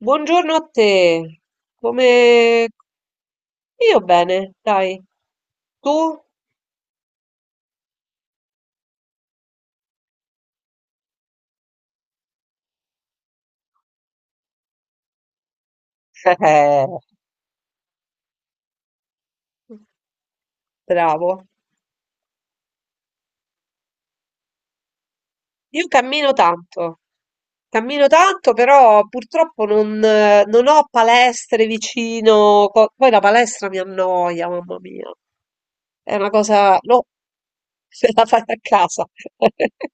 Buongiorno a te. Come io bene, dai. Tu? Eh, bravo. Io cammino tanto. Cammino tanto, però purtroppo non ho palestre vicino. Poi la palestra mi annoia, mamma mia. È una cosa, no, se la fai a casa.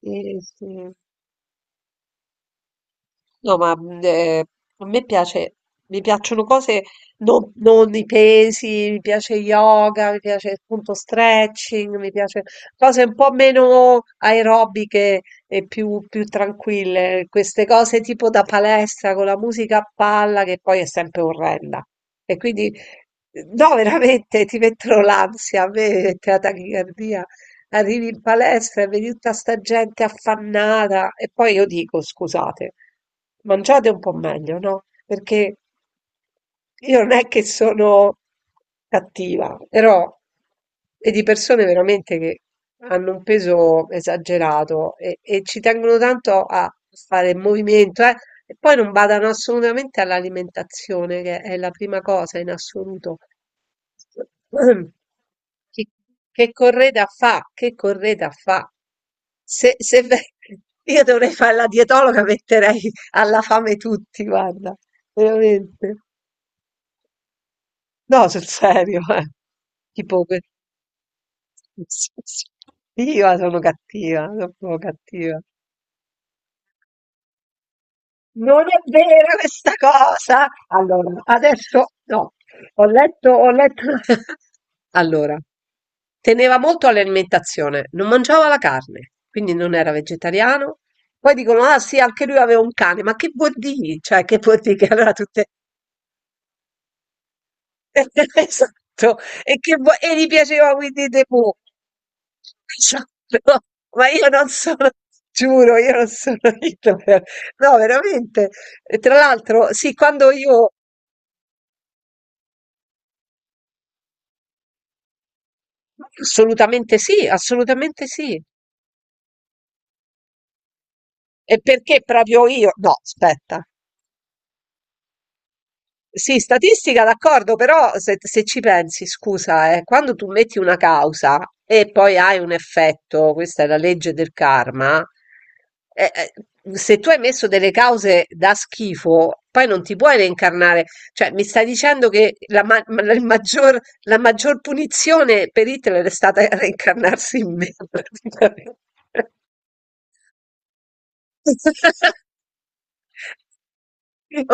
Sì, sì. No, ma a me piace, mi piacciono cose, non i pesi, mi piace yoga, mi piace appunto stretching, mi piace cose un po' meno aerobiche e più, più tranquille. Queste cose tipo da palestra con la musica a palla che poi è sempre orrenda. E quindi, no, veramente ti mettono l'ansia, a me mette la tachicardia. Arrivi in palestra e vedi tutta sta gente affannata e poi io dico, scusate, mangiate un po' meglio, no? Perché io non è che sono cattiva, però e di persone veramente che hanno un peso esagerato e ci tengono tanto a fare movimento, eh? E poi non badano assolutamente all'alimentazione, che è la prima cosa in assoluto. Chi- Che, correda fa? Che correda fa? Se, se ve- io dovrei fare la dietologa, metterei alla fame tutti, guarda, veramente. No, sul serio, eh. Tipo, que- io sono cattiva, sono proprio cattiva. Non è vera questa cosa! Allora, adesso no, ho letto. Allora, teneva molto all'alimentazione, non mangiava la carne, quindi non era vegetariano. Poi dicono, ah sì, anche lui aveva un cane, ma che vuol dire? Cioè, che vuol dire che allora tutte esatto, e che vo e gli piaceva Winnie the Pooh. Esatto, ma io non sono giuro, io non sono idolatra. No, veramente. E tra l'altro, sì, quando io assolutamente sì, assolutamente sì. E perché proprio io no, aspetta. Sì, statistica d'accordo, però se ci pensi, scusa, quando tu metti una causa e poi hai un effetto, questa è la legge del karma, eh, eh, se tu hai messo delle cause da schifo, poi non ti puoi reincarnare. Cioè, mi stai dicendo che la, ma- la- il maggior, la maggior punizione per Hitler è stata reincarnarsi in me, praticamente.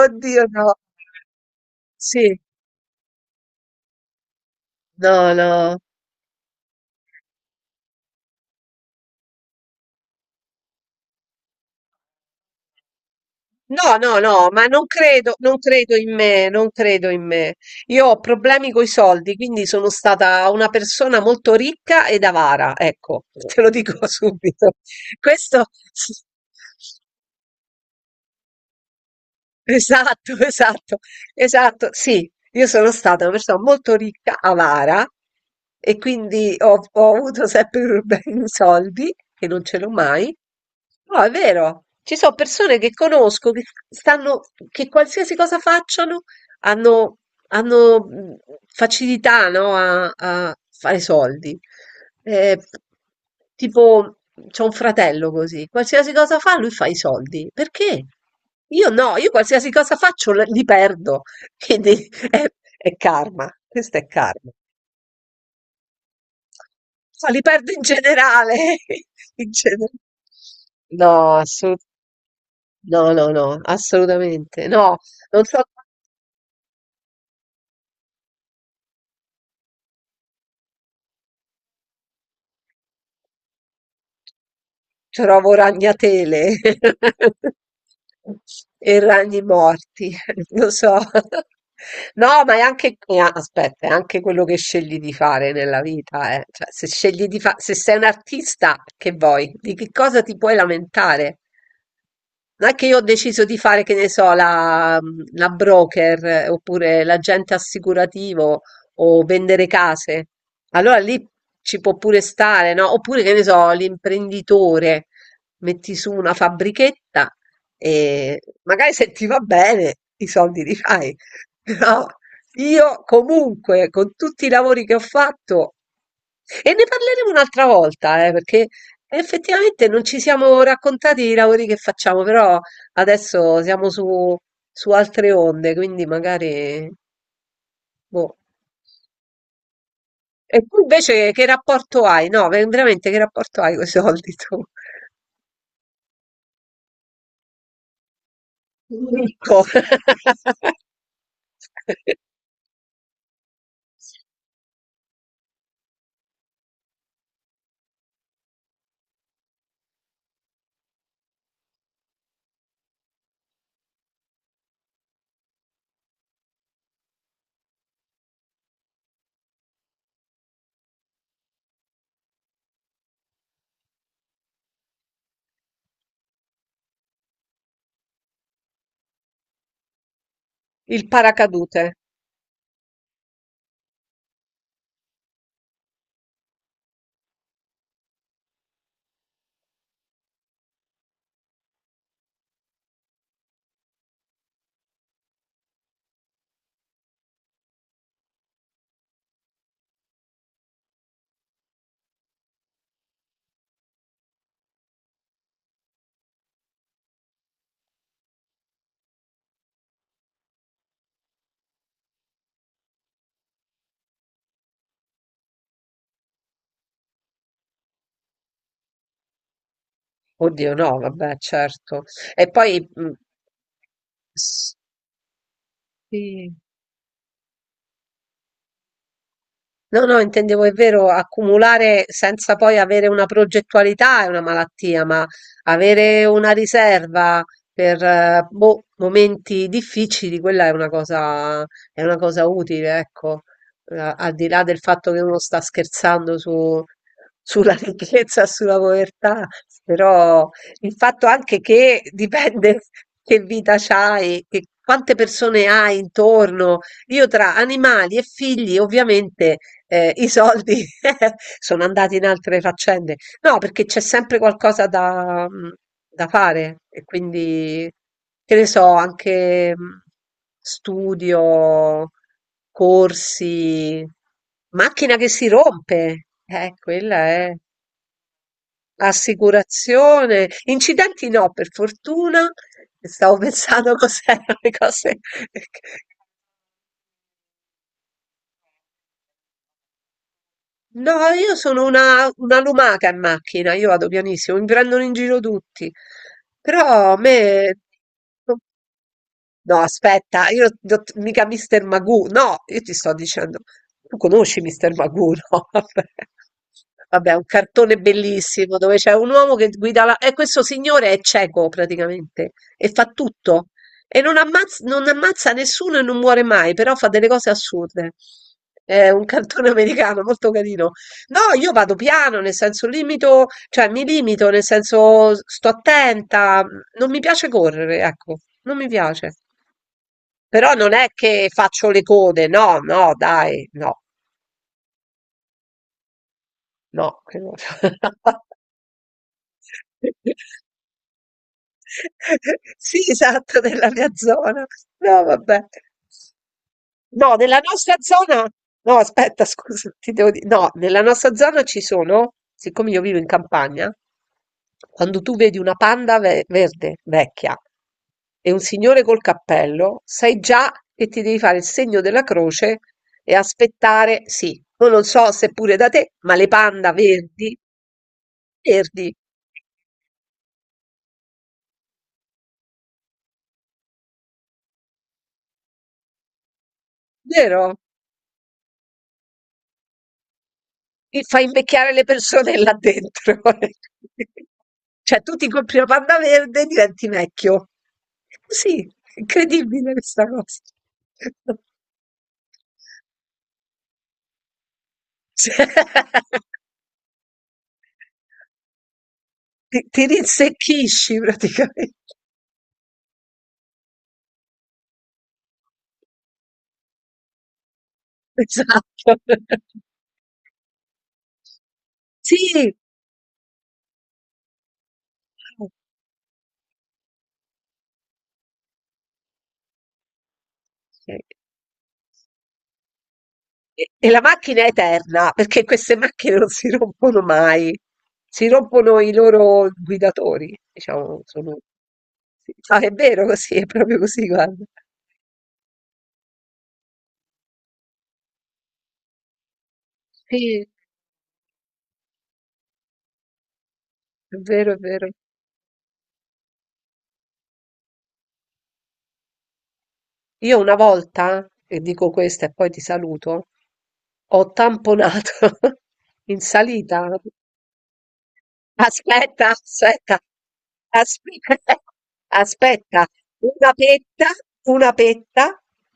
Oddio, no. Sì, no, no. No, no, no, ma non credo, non credo in me, non credo in me. Io ho problemi coi soldi, quindi sono stata una persona molto ricca ed avara, ecco, te lo dico subito. Questo esatto, esatto, esatto. Sì, io sono stata una persona molto ricca, avara, e quindi ho avuto sempre problemi di soldi, che non ce l'ho mai. No, è vero, ci sono persone che conosco, che stanno, che qualsiasi cosa facciano, hanno hanno facilità, no, a fare soldi. Eh, tipo, c'ho un fratello così, qualsiasi cosa fa, lui fa i soldi. Perché? Io no, io qualsiasi cosa faccio li perdo. Quindi è karma, questo è karma. Ma li perdo in generale. in gener- no, no, no, no, assolutamente. No, non so. Trovo ragnatele e ragni morti, lo so. No, ma è anche, aspetta, è anche quello che scegli di fare nella vita, eh. Cioè, se scegli di fa- se sei un artista, che vuoi? Di che cosa ti puoi lamentare? Non è che io ho deciso di fare, che ne so, la broker oppure l'agente assicurativo o vendere case. Allora lì ci può pure stare, no? Oppure, che ne so, l'imprenditore, metti su una fabbrichetta e magari se ti va bene i soldi li fai. Però io comunque, con tutti i lavori che ho fatto, e ne parleremo un'altra volta, perché effettivamente non ci siamo raccontati i lavori che facciamo, però adesso siamo su, su altre onde, quindi magari... boh. E tu invece che rapporto hai? No, veramente che rapporto hai con i soldi tu? Ricco. Il paracadute. Oddio, no, vabbè, certo. E poi... mm, sì. No, no, intendevo, è vero, accumulare senza poi avere una progettualità è una malattia, ma avere una riserva per boh, momenti difficili, quella è una cosa utile, ecco. Al di là del fatto che uno sta scherzando sulla ricchezza, sulla povertà, però il fatto anche che dipende che vita c'hai, che quante persone hai intorno. Io tra animali e figli, ovviamente. I soldi sono andati in altre faccende. No, perché c'è sempre qualcosa da mhmm, da fare e quindi, che ne so, anche, mhmm, studio, corsi, macchina che si rompe, quella è assicurazione, incidenti no per fortuna, stavo pensando cos'erano le cose. No, io sono una lumaca in macchina, io vado pianissimo, mi prendono in giro tutti. Però a me no, aspetta, io non- mica Mr. Magoo, no, io ti sto dicendo, tu conosci Mr. Magoo, no? Vabbè. Vabbè, è un cartone bellissimo dove c'è un uomo che guida la... E questo signore è cieco praticamente e fa tutto e non ammazza, non ammazza nessuno e non muore mai, però fa delle cose assurde. È un cartone americano molto carino. No, io vado piano, nel senso limito, cioè mi limito, nel senso sto attenta, non mi piace correre, ecco, non mi piace. Però non è che faccio le code, no, no dai, no, no. che non- sì, esatto, della mia zona. No, vabbè. No, nella nostra zona no aspetta scusa, ti devo di no, nella nostra zona ci sono, siccome io vivo in campagna, quando tu vedi una verde, vecchia, e un signore col cappello, sai già che ti devi fare il segno della croce e aspettare, sì, io non so se pure da te, ma le panda verdi, verdi, vero? Ti fa invecchiare le persone là dentro. Cioè tu ti compri la Panda verde e diventi vecchio. Sì, incredibile questa cosa. Cioè, ti rinsecchisci praticamente. Esatto. Sì. Sì. E la macchina è eterna, perché queste macchine non si rompono mai. Si rompono i loro guidatori, diciamo, sono sì. Ah, è vero così, è proprio così, guarda. Sì, è vero, è vero. Io una volta, e dico questa e poi ti saluto, ho tamponato in salita. Aspetta, aspetta, aspetta, aspetta. Una petta, una petta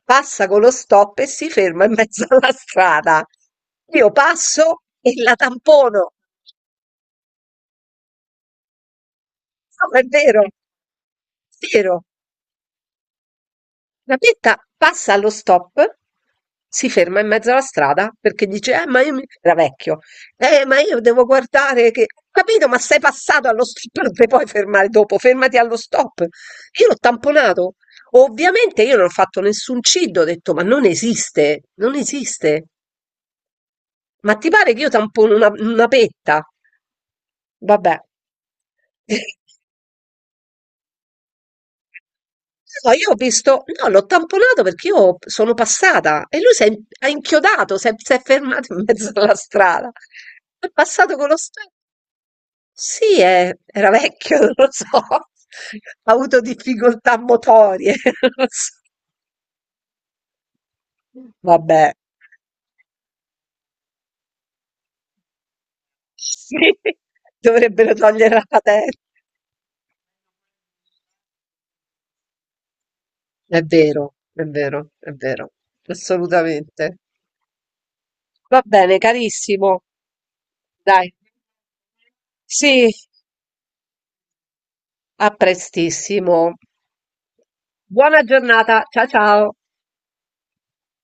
passa con lo stop e si ferma in mezzo alla strada. Io passo e la tampono. No, è vero, è vero. La Bietta passa allo stop, si ferma in mezzo alla strada perché dice: ma io mi... era vecchio, ma io devo guardare che. Ho capito, ma sei passato allo stop, non ti puoi fermare dopo, fermati allo stop. Io l'ho tamponato. Ovviamente io non ho fatto nessun cid, ho detto: Ma non esiste, non esiste. Ma ti pare che io tampono una petta? Vabbè. So, io ho visto no, l'ho tamponato perché io sono passata e lui ha inchiodato, s'è fermato in mezzo alla strada. È passato con lo specchio. Sì, è- era vecchio, non lo so. Ha avuto difficoltà motorie, non lo so. Vabbè, sì, dovrebbero togliere la patente. È vero, è vero, è vero, assolutamente. Va bene, carissimo, dai. Sì, a prestissimo. Buona giornata, ciao ciao!